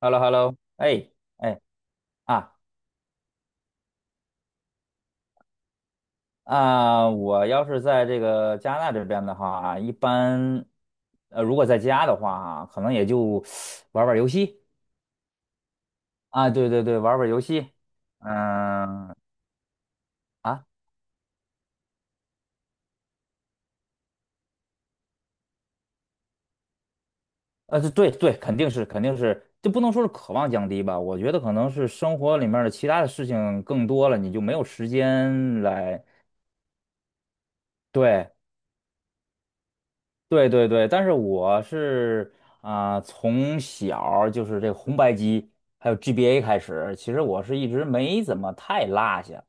h e l l o h e l l o 哎哎啊啊！我要是在这个加拿大这边的话啊，一般如果在家的话啊可能也就玩玩游戏啊，对对对，玩玩游戏，嗯啊对对，肯定是肯定是，就不能说是渴望降低吧，我觉得可能是生活里面的其他的事情更多了，你就没有时间来。对对对对，但是我是啊、从小儿就是这红白机还有 GBA 开始，其实我是一直没怎么太落下。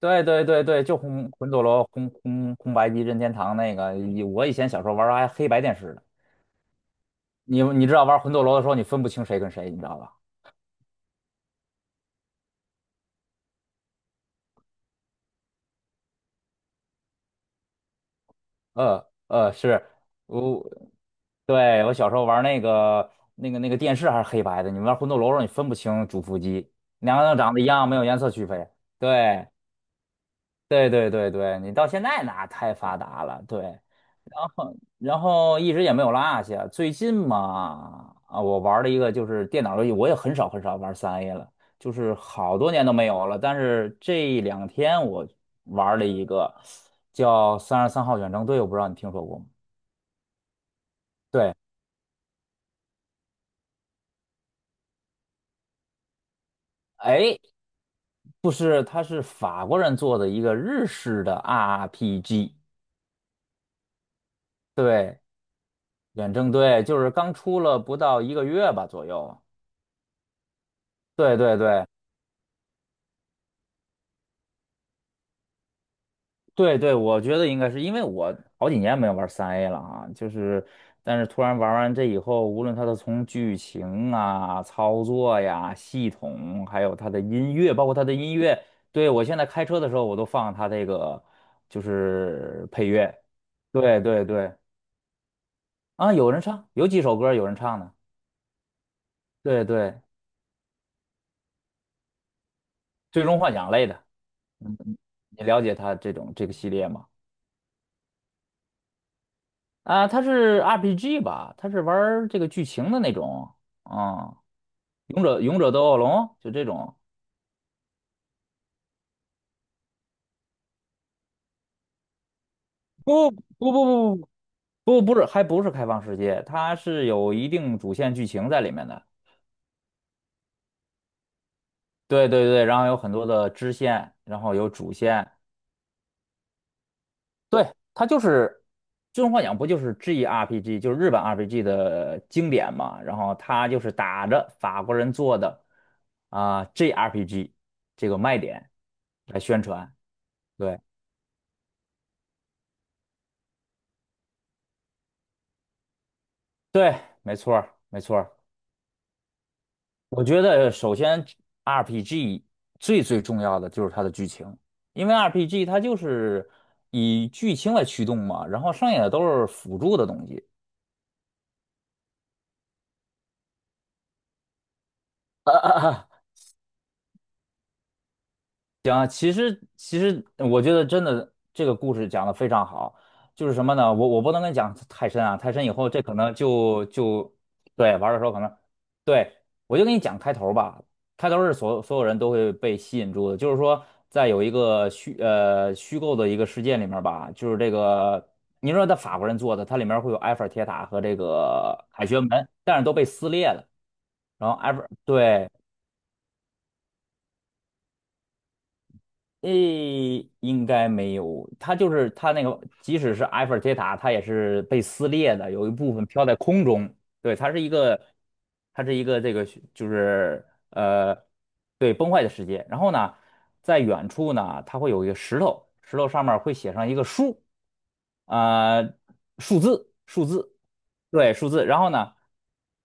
对对对对，就魂斗罗、红白机、任天堂那个，我以前小时候玩儿还黑白电视呢。你知道玩魂斗罗的时候，你分不清谁跟谁，你知道吧？是。我对我小时候玩那个电视还是黑白的，你玩魂斗罗的时候你分不清主副机，两个人长得一样，没有颜色区分。对对对对对，你到现在那太发达了，对，然后一直也没有落下。最近嘛，啊，我玩了一个就是电脑游戏，我也很少很少玩三 A 了，就是好多年都没有了。但是这两天我玩了一个叫《三十三号远征队》，我不知道你听说过吗？对，哎，不是，它是法国人做的一个日式的 RPG，对，远征队就是刚出了不到1个月吧左右。对对对，对对，我觉得应该是因为我好几年没有玩三 A 了啊，就是，但是突然玩完这以后，无论它的从剧情啊、操作呀、系统，还有它的音乐，包括它的音乐，对，我现在开车的时候我都放它这个就是配乐，对对对，啊，有人唱，有几首歌有人唱的，对对，最终幻想类的，嗯你了解它这个系列吗？啊，它是 RPG 吧？它是玩儿这个剧情的那种啊，勇者斗恶龙就这种。不不不不不不，不是，还不是开放世界，它是有一定主线剧情在里面的。对对对，然后有很多的支线，然后有主线。对，它就是《最终幻想》，不就是 GRPG，就是日本 RPG 的经典嘛？然后它就是打着法国人做的啊、GRPG 这个卖点来宣传。对。对，没错儿，没错儿。我觉得首先 RPG 最最重要的就是它的剧情，因为 RPG 它就是以剧情来驱动嘛，然后剩下的都是辅助的东西。行啊，其实我觉得真的这个故事讲的非常好，就是什么呢？我不能跟你讲太深啊，太深以后这可能就对玩的时候可能对我就跟你讲开头吧，开头是所有人都会被吸引住的，就是说在有一个虚构的一个事件里面吧，就是这个你说他法国人做的，它里面会有埃菲尔铁塔和这个凯旋门，但是都被撕裂了，然后埃菲尔对。诶，应该没有。它就是它那个，即使是埃菲尔铁塔，它也是被撕裂的，有一部分飘在空中。对，它是一个这个就是呃，对，崩坏的世界。然后呢，在远处呢，它会有一个石头，石头上面会写上一个数，呃，数字，数字，对，数字。然后呢？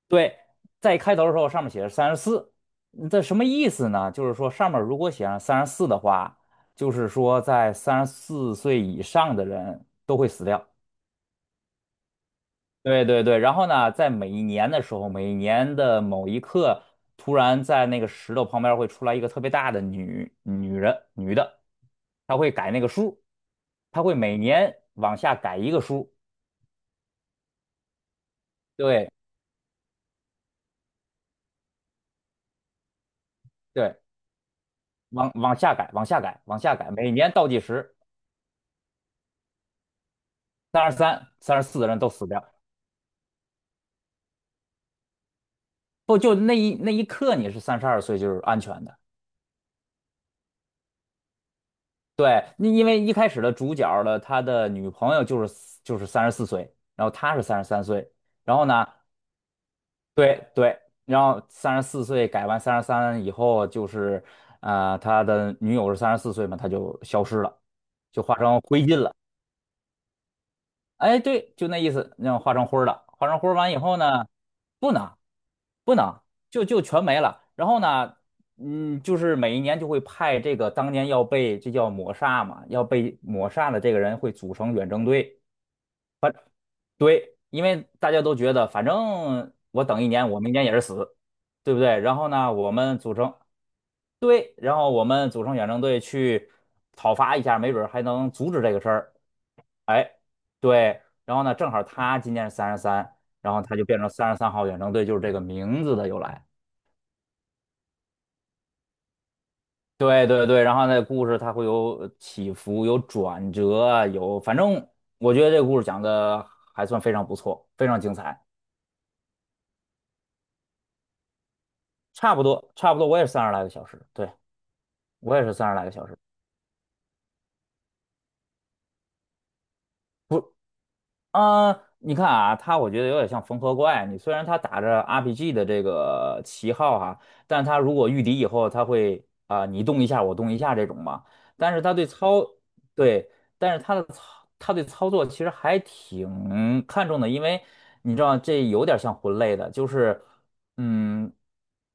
对，在开头的时候上面写着三十四，嗯这什么意思呢？就是说上面如果写上三十四的话，就是说在三十四岁以上的人都会死掉。对对对，然后呢，在每一年的时候，每一年的某一刻，突然在那个石头旁边会出来一个特别大的女人，女的，她会改那个数，她会每年往下改一个数，对对，往下改，往下改，往下改，每年倒计时。33、34的人都死掉，不就那一刻你是32岁就是安全的。对，因为一开始的主角的他的女朋友就是三十四岁，然后他是33岁，然后呢，对对，然后三十四岁改完三十三以后就是他的女友是三十四岁嘛，他就消失了，就化成灰烬了。哎，对，就那意思，那样化成灰儿了。化成灰儿完以后呢，不能，不能，就全没了。然后呢，嗯，就是每一年就会派这个当年要被这叫抹杀嘛，要被抹杀的这个人会组成远征队。反对，因为大家都觉得，反正我等一年，我明年也是死，对不对？然后呢，我们组成对，然后我们组成远征队去讨伐一下，没准儿还能阻止这个事儿。哎，对，然后呢，正好他今年是三十三，然后他就变成三十三号远征队，就是这个名字的由来。对对对，然后那故事它会有起伏，有转折，有，反正我觉得这个故事讲的还算非常不错，非常精彩。差不多，差不多，我也是三十来个小时，对，我也是三十来个小时。不。啊、你看啊，我觉得有点像缝合怪。你虽然他打着 RPG 的这个旗号哈、但他如果御敌以后，他会啊、你动一下我动一下这种嘛。但是他对操，对，但是他的操，他对操作其实还挺看重的，因为你知道这有点像魂类的，就是嗯，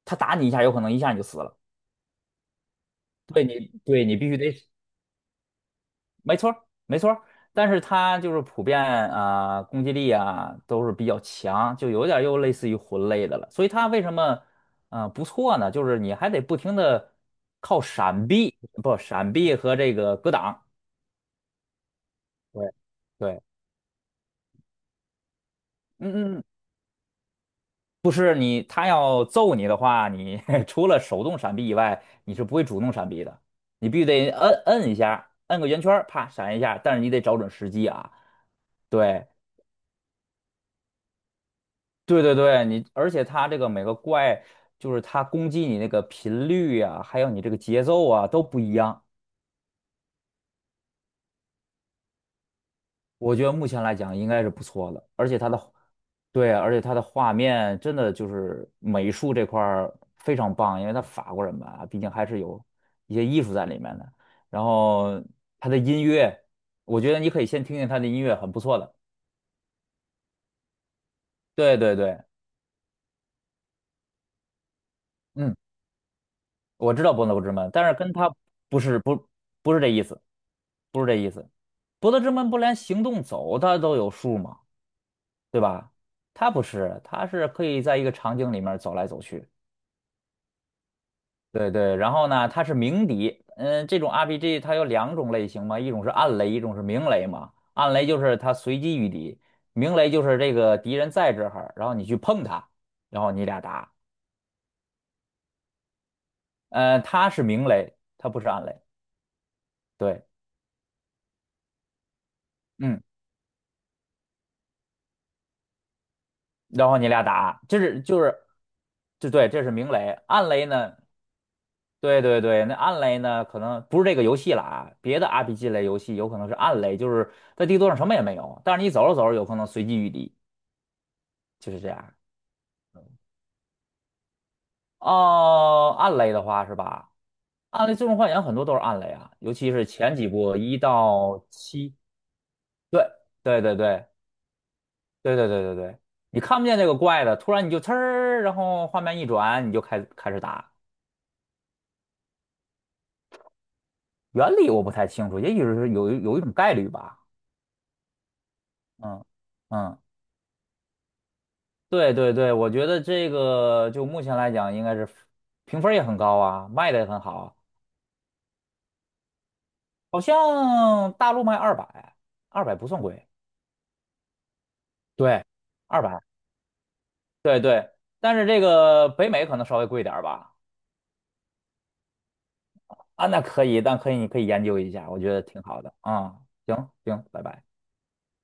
他打你一下，有可能一下你就死了。对你必须得。没错儿，没错儿，但是它就是普遍啊、攻击力啊都是比较强，就有点儿又类似于魂类的了。所以它为什么不错呢？就是你还得不停的靠闪避，不闪避和这个格挡。对对，嗯嗯，不是你，他要揍你的话，你 除了手动闪避以外，你是不会主动闪避的，你必须得摁一下，摁个圆圈儿啪闪一下，但是你得找准时机啊。对，对对对，你而且它这个每个怪，就是它攻击你那个频率啊，还有你这个节奏啊都不一样。我觉得目前来讲应该是不错的，而且它的对，而且它的画面真的就是美术这块儿非常棒，因为它法国人嘛，毕竟还是有一些艺术在里面的。然后它的音乐，我觉得你可以先听听它的音乐，很不错的。对对对，嗯，我知道《伯乐不知门》，但是跟它不是不不是这意思，不是这意思。博德之门不连行动走它都有数吗？对吧？它不是，它是可以在一个场景里面走来走去。对对，然后呢，它是鸣笛。嗯，这种 RPG 它有2种类型嘛，一种是暗雷，一种是明雷嘛。暗雷就是它随机遇敌，明雷就是这个敌人在这儿，然后你去碰它，然后你俩打。它是明雷，它不是暗雷。对，嗯，然后你俩打，这是就是，就对，这是明雷，暗雷呢？对对对，那暗雷呢，可能不是这个游戏了啊，别的 RPG 类游戏有可能是暗雷，就是在地图上什么也没有，但是你走着走着有可能随机遇敌，就是这样。哦、暗雷的话是吧？暗雷最终幻想很多都是暗雷啊，尤其是前几部1到7，对对对对对对对对对，你看不见这个怪的，突然你就呲儿，然后画面一转，你就开始打。原理我不太清楚，也许是有一种概率吧。嗯嗯。对对对，我觉得这个就目前来讲，应该是评分儿也很高啊，卖的也很好，好像大陆卖二百，二百不算贵，对，二百，对对，但是这个北美可能稍微贵点儿吧，啊，那可以，但可以，你可以研究一下，我觉得挺好的啊，行行，拜拜。